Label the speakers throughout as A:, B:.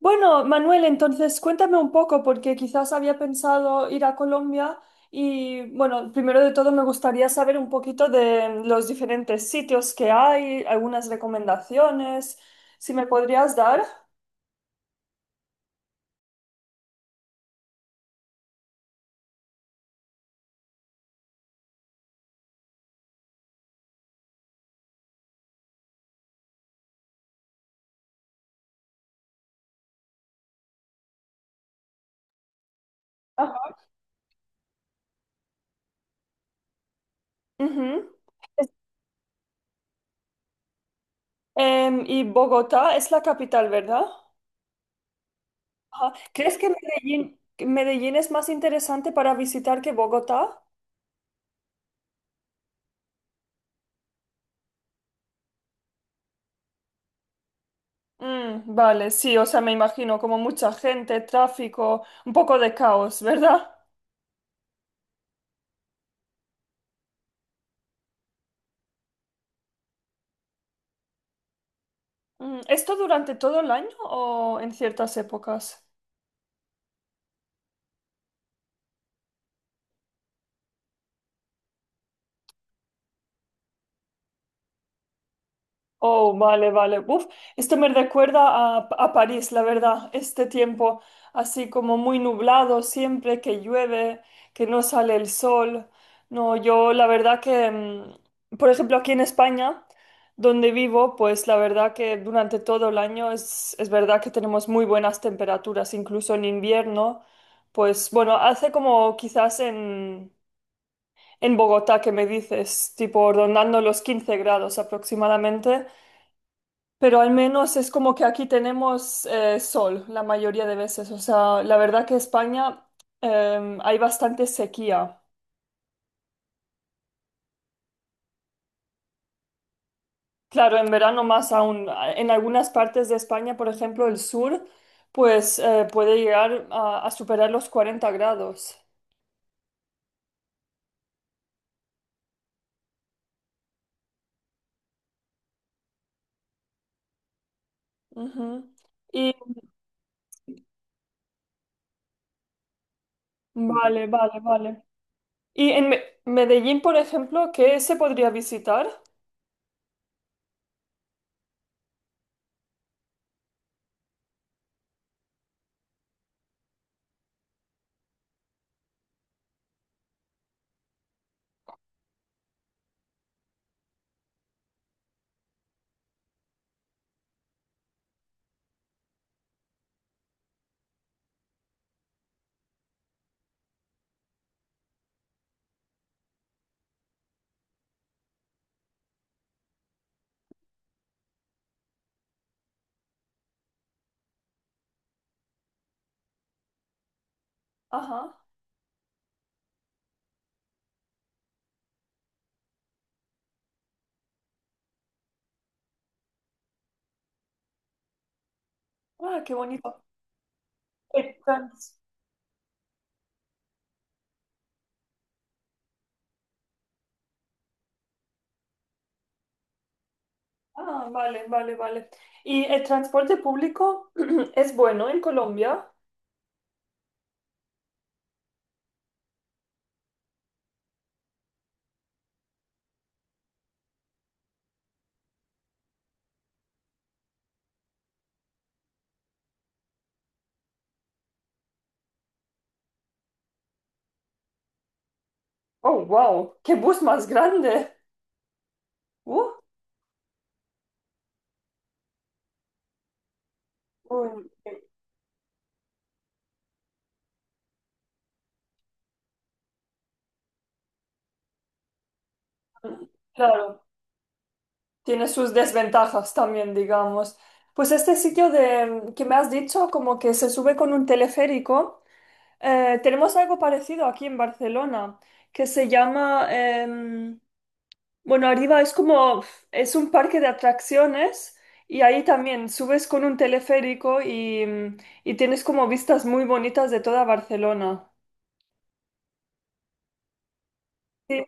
A: Bueno, Manuel, entonces cuéntame un poco, porque quizás había pensado ir a Colombia y, bueno, primero de todo me gustaría saber un poquito de los diferentes sitios que hay, algunas recomendaciones, si me podrías dar. Ajá. Ujú. Es- ¿Y Bogotá es la capital, ¿verdad? Ajá. ¿Crees que Medellín es más interesante para visitar que Bogotá? Mm, vale, sí, o sea, me imagino como mucha gente, tráfico, un poco de caos, ¿verdad? ¿Esto durante todo el año o en ciertas épocas? Oh, vale, vale. Uf, esto me recuerda a París, la verdad, este tiempo así como muy nublado siempre, que llueve, que no sale el sol. No, yo la verdad que, por ejemplo, aquí en España, donde vivo, pues la verdad que durante todo el año es verdad que tenemos muy buenas temperaturas, incluso en invierno. Pues bueno, hace como quizás en Bogotá que me dices, tipo rondando los 15 grados aproximadamente, pero al menos es como que aquí tenemos sol la mayoría de veces. O sea, la verdad que España hay bastante sequía. Claro, en verano más aún. En algunas partes de España, por ejemplo, el sur, pues puede llegar a superar los 40 grados. Ujú. Y vale, vale, vale. Y en Medellín, por ejemplo, ¿qué se podría visitar? Ajá. Ah, qué bonito. El trans- Ah, vale, vale, vale. ¿Y el transporte público es bueno en Colombia? Oh, wow, qué bus más grande. Uh, um, claro, tiene sus desventajas también, digamos. Pues este sitio de, que me has dicho, como que se sube con un teleférico, tenemos algo parecido aquí en Barcelona, que se llama, bueno, arriba es como, es un parque de atracciones y ahí también subes con un teleférico y y tienes como vistas muy bonitas de toda Barcelona. Sí.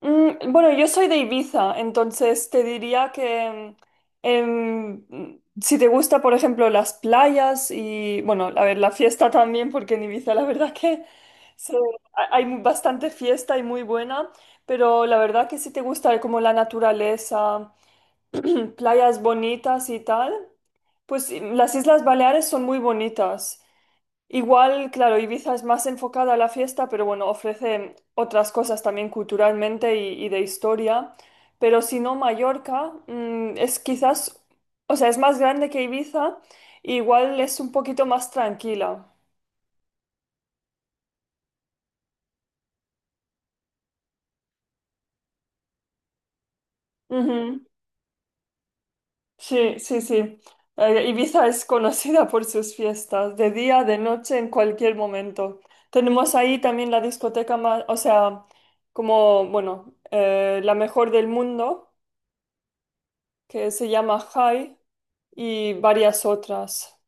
A: Bueno, yo soy de Ibiza, entonces te diría que si te gusta, por ejemplo, las playas y, bueno, a ver, la fiesta también, porque en Ibiza la verdad que se- hay bastante fiesta y muy buena, pero la verdad que si te gusta como la naturaleza. Playas bonitas y tal. Pues las Islas Baleares son muy bonitas. Igual, claro, Ibiza es más enfocada a la fiesta, pero bueno, ofrece otras cosas también culturalmente y de historia. Pero si no, Mallorca, es quizás, o sea, es más grande que Ibiza, e igual es un poquito más tranquila. Ujú. Sí, sí, sí. Ibiza es conocida por sus fiestas, de día, de noche, en cualquier momento. Tenemos ahí también la discoteca más, o sea, como, bueno, la mejor del mundo, que se llama High, y varias otras.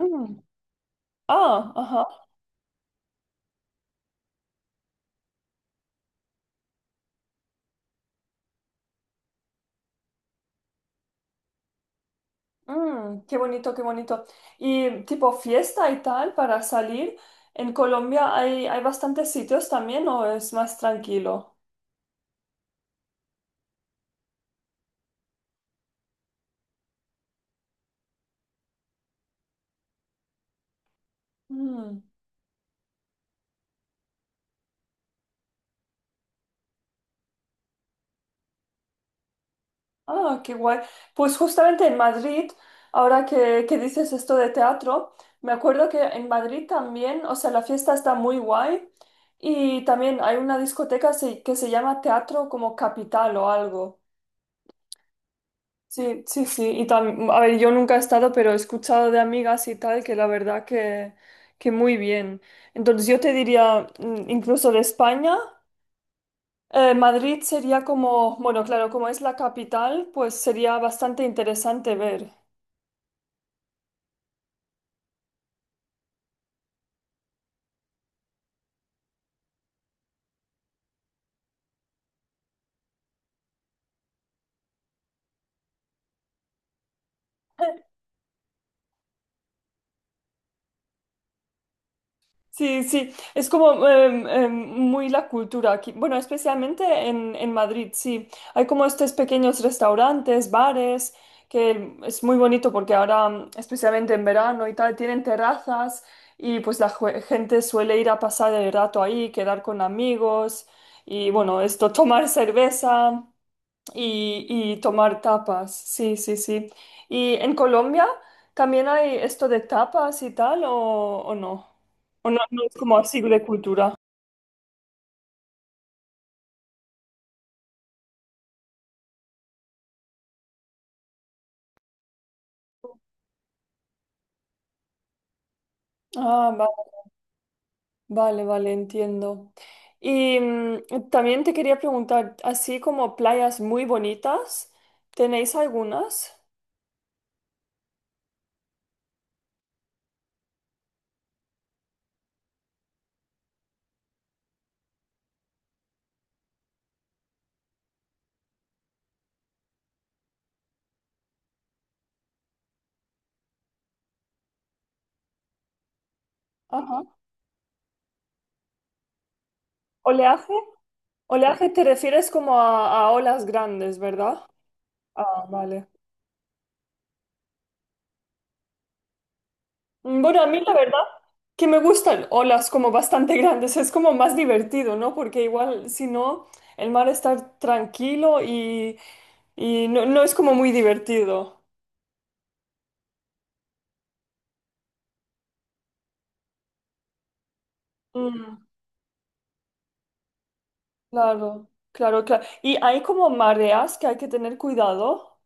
A: Mm. Ah, ajá. Mm, qué bonito, qué bonito. Y tipo fiesta y tal para salir. En Colombia hay bastantes sitios también, ¿o es más tranquilo? Ah, qué guay. Pues justamente en Madrid, ahora que dices esto de teatro, me acuerdo que en Madrid también, o sea, la fiesta está muy guay y también hay una discoteca que se llama Teatro como Capital o algo. Sí, sí, sí. Y a ver, yo nunca he estado, pero he escuchado de amigas y tal que la verdad que muy bien. Entonces yo te diría, incluso de España. Madrid sería como, bueno, claro, como es la capital, pues sería bastante interesante ver. Sí, sí, es como muy la cultura aquí. Bueno, especialmente en Madrid, sí. Hay como estos pequeños restaurantes, bares, que es muy bonito porque ahora, especialmente en verano y tal, tienen terrazas y pues la gente suele ir a pasar el rato ahí, quedar con amigos y bueno, esto, tomar cerveza. Y, y tomar tapas, sí, sí, sí. ¿Y en Colombia también hay esto de tapas y tal o no? ¿O no, no es como así de cultura? Ah, va- vale, vale, entiendo. Y también te quería preguntar, así como playas muy bonitas, ¿tenéis algunas? Ajá. ¿Oleaje? Oleaje te refieres como a olas grandes, ¿verdad? Ah, vale. Bueno, a mí la verdad que me gustan olas como bastante grandes, es como más divertido, ¿no? Porque igual si no, el mar está tranquilo y no, no es como muy divertido. Mm, claro, claro, claro. Y hay como mareas que hay que tener cuidado.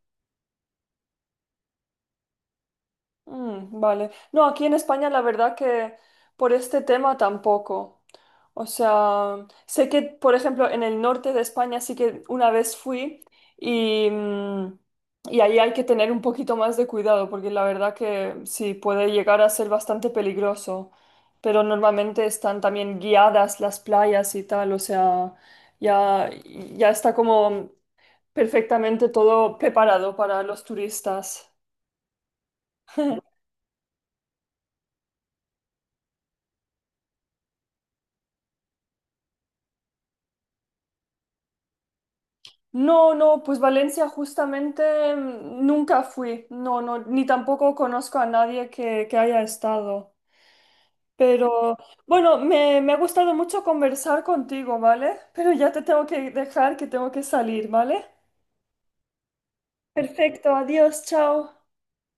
A: Mm, vale. No, aquí en España la verdad que por este tema tampoco. O sea, sé que, por ejemplo, en el norte de España sí que una vez fui y y ahí hay que tener un poquito más de cuidado porque la verdad que sí puede llegar a ser bastante peligroso. Pero normalmente están también guiadas las playas y tal. O sea, ya, ya está como perfectamente todo preparado para los turistas. No, no, pues Valencia justamente nunca fui, no, no, ni tampoco conozco a nadie que haya estado. Pero bueno, me ha gustado mucho conversar contigo, ¿vale? Pero ya te tengo que dejar, que tengo que salir, ¿vale? Perfecto, adiós, chao.